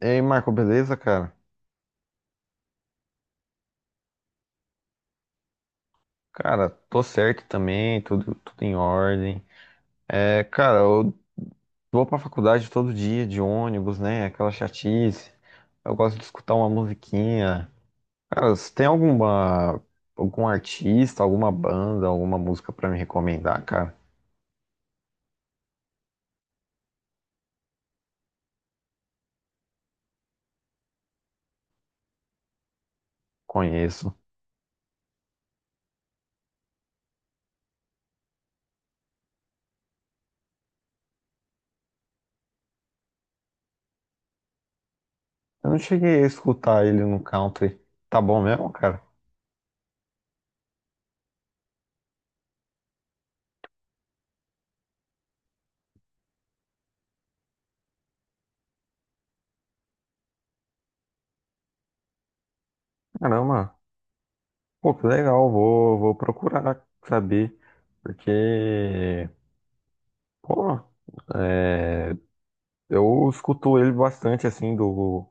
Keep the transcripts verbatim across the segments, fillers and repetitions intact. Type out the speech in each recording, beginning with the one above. E aí, Marco, beleza, cara? Cara, tô certo também, tudo, tudo em ordem. É, cara, eu vou pra faculdade todo dia de ônibus, né? Aquela chatice. Eu gosto de escutar uma musiquinha. Cara, você tem alguma, algum artista, alguma banda, alguma música pra me recomendar, cara? Conheço. Eu não cheguei a escutar ele no country. Tá bom mesmo, cara? Caramba, pô, que legal, vou, vou procurar saber, porque Pô, é, eu escuto ele bastante assim do,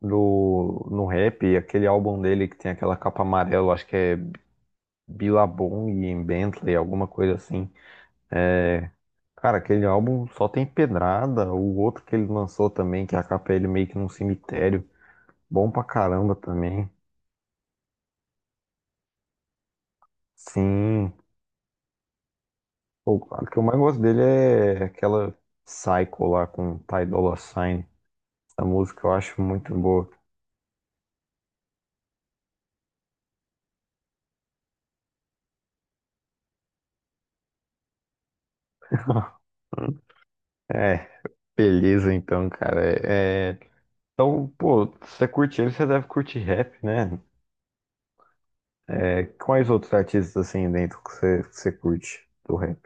do no rap, aquele álbum dele que tem aquela capa amarela, acho que é Billabong e Bentley, alguma coisa assim. É, cara, aquele álbum só tem pedrada, o outro que ele lançou também, que a capa é ele meio que num cemitério, bom pra caramba também. Sim, o o que eu mais gosto dele é aquela Psycho lá com Ty Dolla Sign. Essa música eu acho muito boa. É. Beleza, então, cara. É, é, então, pô, se você curte ele, você deve curtir rap, né? É, quais outros artistas assim dentro que você, que você curte do rap?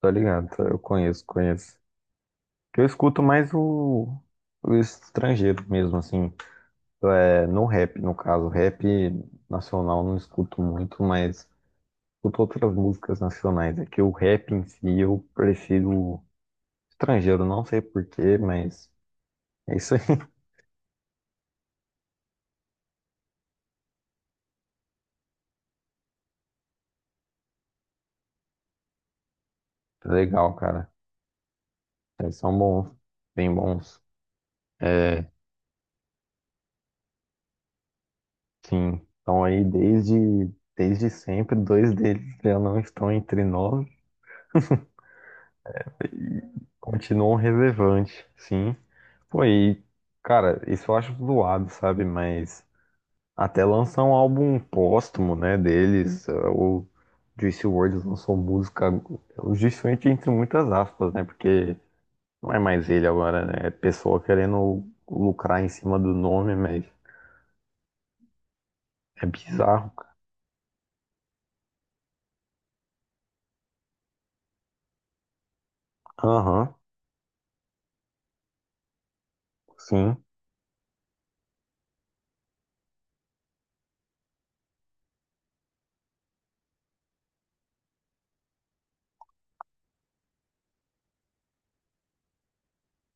Tô ligado, tá? Eu conheço, conheço. Que eu escuto mais o, o estrangeiro mesmo, assim. É, no rap, no caso, rap nacional não escuto muito, mas escuto outras músicas nacionais. É que o rap em si eu prefiro estrangeiro, não sei porquê, mas é isso aí. Legal, cara. Eles são bons, bem bons. É, sim, estão aí desde, desde sempre. Dois deles já não estão entre nós e continuam relevantes, sim. Pô, e, cara, isso eu acho zoado, sabe? Mas até lançar um álbum póstumo, né, deles, eh, o Juice world lançou música, o Juice world entre muitas aspas, né? Porque não é mais ele agora, né? É pessoa querendo lucrar em cima do nome, mas é bizarro. Aham, sim.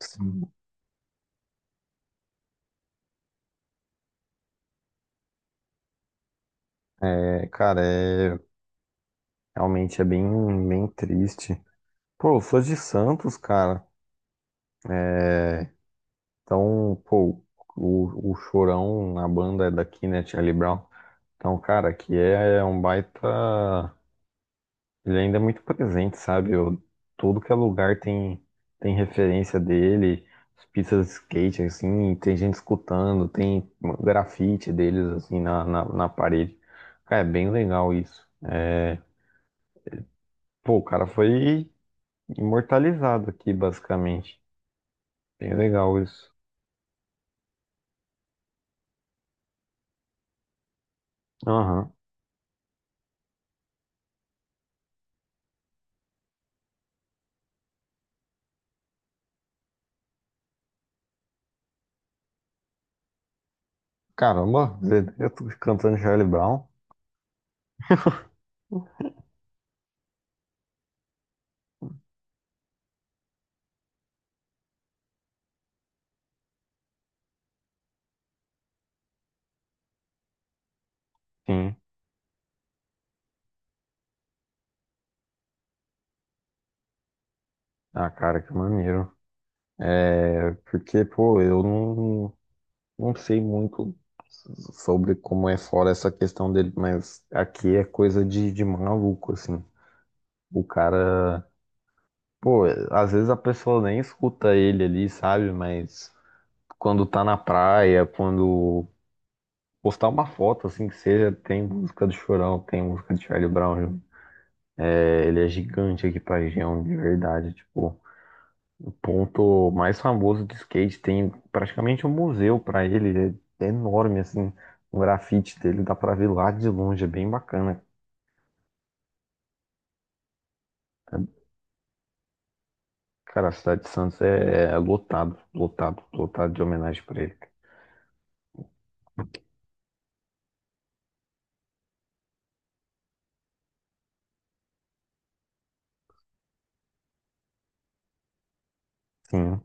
Sim. É, cara, é realmente é bem, bem triste. Pô, eu sou de Santos, cara. É, então, pô, o, o Chorão na banda é daqui, né, Charlie Brown. Então, cara, aqui é é um baita. Ele ainda é muito presente, sabe? Eu, tudo que é lugar tem, tem referência dele, as pistas de skate, assim, tem gente escutando, tem grafite deles, assim, na, na, na parede. Cara, é bem legal isso. É, pô, o cara foi imortalizado aqui, basicamente. Bem legal isso. Aham. Caramba, eu tô cantando Charlie Brown? Sim. Ah, cara, que maneiro. É porque, pô, eu não, não sei muito sobre como é fora essa questão dele, mas aqui é coisa de, de maluco, assim. O cara, pô, às vezes a pessoa nem escuta ele ali, sabe? Mas quando tá na praia, quando postar uma foto assim que seja, tem música do Chorão, tem música de Charlie Brown. É, ele é gigante aqui pra região, de verdade. Tipo, o ponto mais famoso do skate tem praticamente um museu pra ele, é enorme assim. O grafite dele dá pra ver lá de longe, é bem bacana. Cara, a cidade de Santos é, é lotado, lotado, lotado de homenagem pra ele. Sim,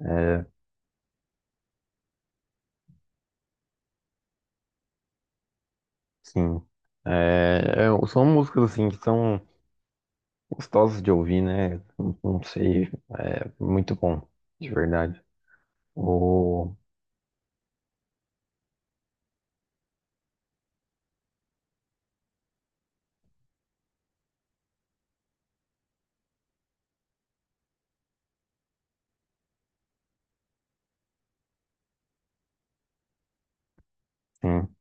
é, sim. É, é, são músicas assim que são gostosos de ouvir, né? Não não sei, é muito bom, de verdade. O... Sim.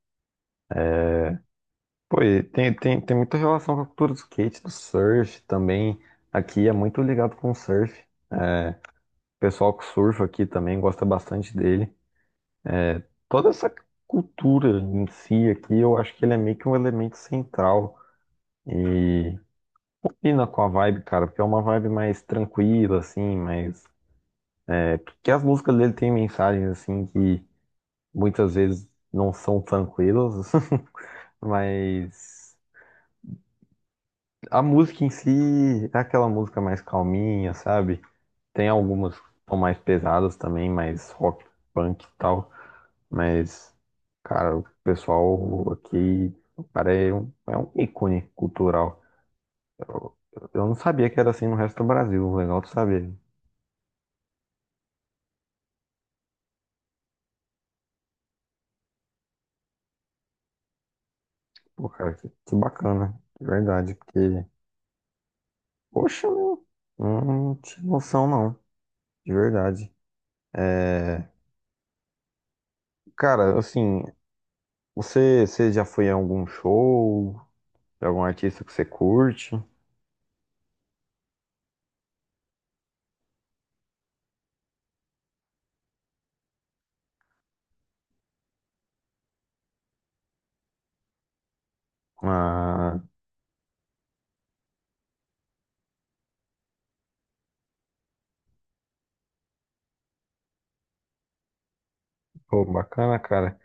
Pô, e tem, tem, tem muita relação com a cultura do skate, do surf também. Aqui é muito ligado com o surf. É, o pessoal que surfa aqui também gosta bastante dele. Toda essa cultura em si aqui, eu acho que ele é meio que um elemento central. E combina com a vibe, cara, porque é uma vibe mais tranquila, assim, mas. Porque as músicas dele têm mensagens, assim, que. Muitas vezes não são tranquilos, mas a música em si é aquela música mais calminha, sabe? Tem algumas que são mais pesadas também, mais rock, punk e tal, mas, cara, o pessoal aqui, o cara é um, é um ícone cultural. Eu não sabia que era assim no resto do Brasil, legal tu saber. Pô, cara, que, que bacana, de verdade, porque, poxa, meu, não tinha noção não, de verdade. É, cara, assim, você, você já foi em algum show de algum artista que você curte? Ah, pô, bacana, cara.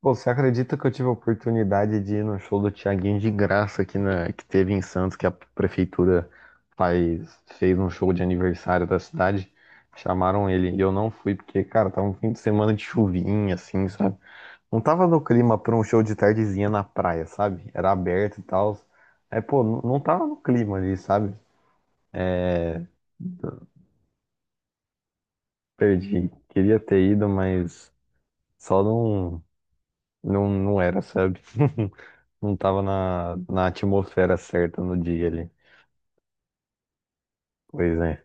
Pô, você acredita que eu tive a oportunidade de ir no show do Thiaguinho de graça aqui na, que teve em Santos, que a prefeitura faz, fez um show de aniversário da cidade? Chamaram ele e eu não fui porque, cara, tava um fim de semana de chuvinha, assim, sabe? Não tava no clima pra um show de tardezinha na praia, sabe? Era aberto e tal. É, pô, não não tava no clima ali, sabe? É, perdi. Queria ter ido, mas só não, não, não era, sabe? Não tava na, na atmosfera certa no dia ali. Pois é.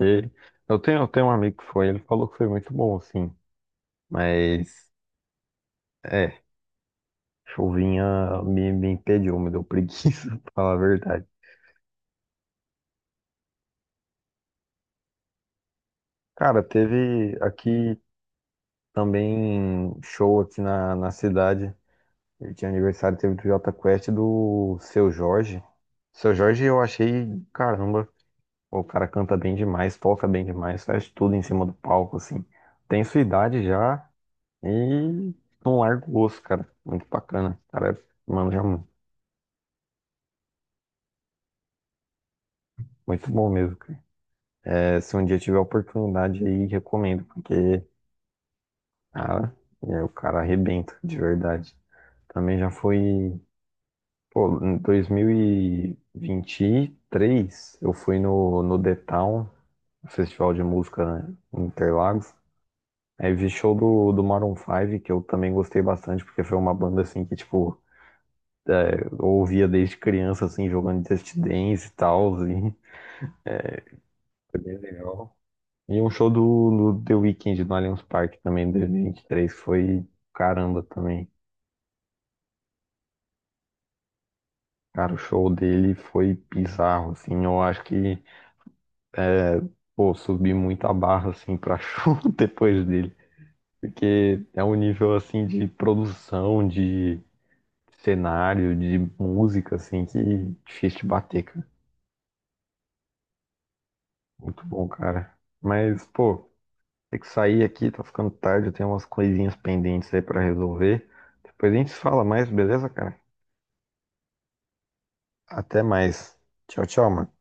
E eu tenho, eu tenho um amigo que foi, ele falou que foi muito bom, assim. Mas, é, chuvinha me, me impediu, me deu preguiça, pra falar a verdade. Cara, teve aqui também show aqui na, na cidade. Ele tinha aniversário, teve do Jota Quest e do Seu Jorge. Seu Jorge eu achei, caramba. Pô, o cara canta bem demais, toca bem demais, faz tudo em cima do palco, assim. Tem sua idade já e não larga o osso, cara. Muito bacana. O cara, mano, já mu- muito bom mesmo, cara. É, se um dia tiver oportunidade aí, recomendo, porque, cara, é, o cara arrebenta, de verdade. Também já fui pô, em dois mil e vinte e três, eu fui no, no The Town, Festival de Música, né, em Interlagos. Aí vi show do, do Maroon Five que eu também gostei bastante, porque foi uma banda assim que, tipo, eu ouvia desde criança, assim, jogando Just Dance e tal, assim. Foi bem legal. E um show do, do The Weeknd no Allianz Parque também, em dois mil e vinte e três foi caramba também. Cara, o show dele foi bizarro, assim. Eu acho que, pô, subi muito a barra, assim, pra show depois dele. Porque é um nível, assim, de produção, de cenário, de música, assim, que é difícil de bater, muito bom, cara. Mas, pô, tem que sair aqui, tá ficando tarde, eu tenho umas coisinhas pendentes aí pra resolver. Depois a gente se fala mais, beleza, cara? Até mais. Tchau, tchau, mano.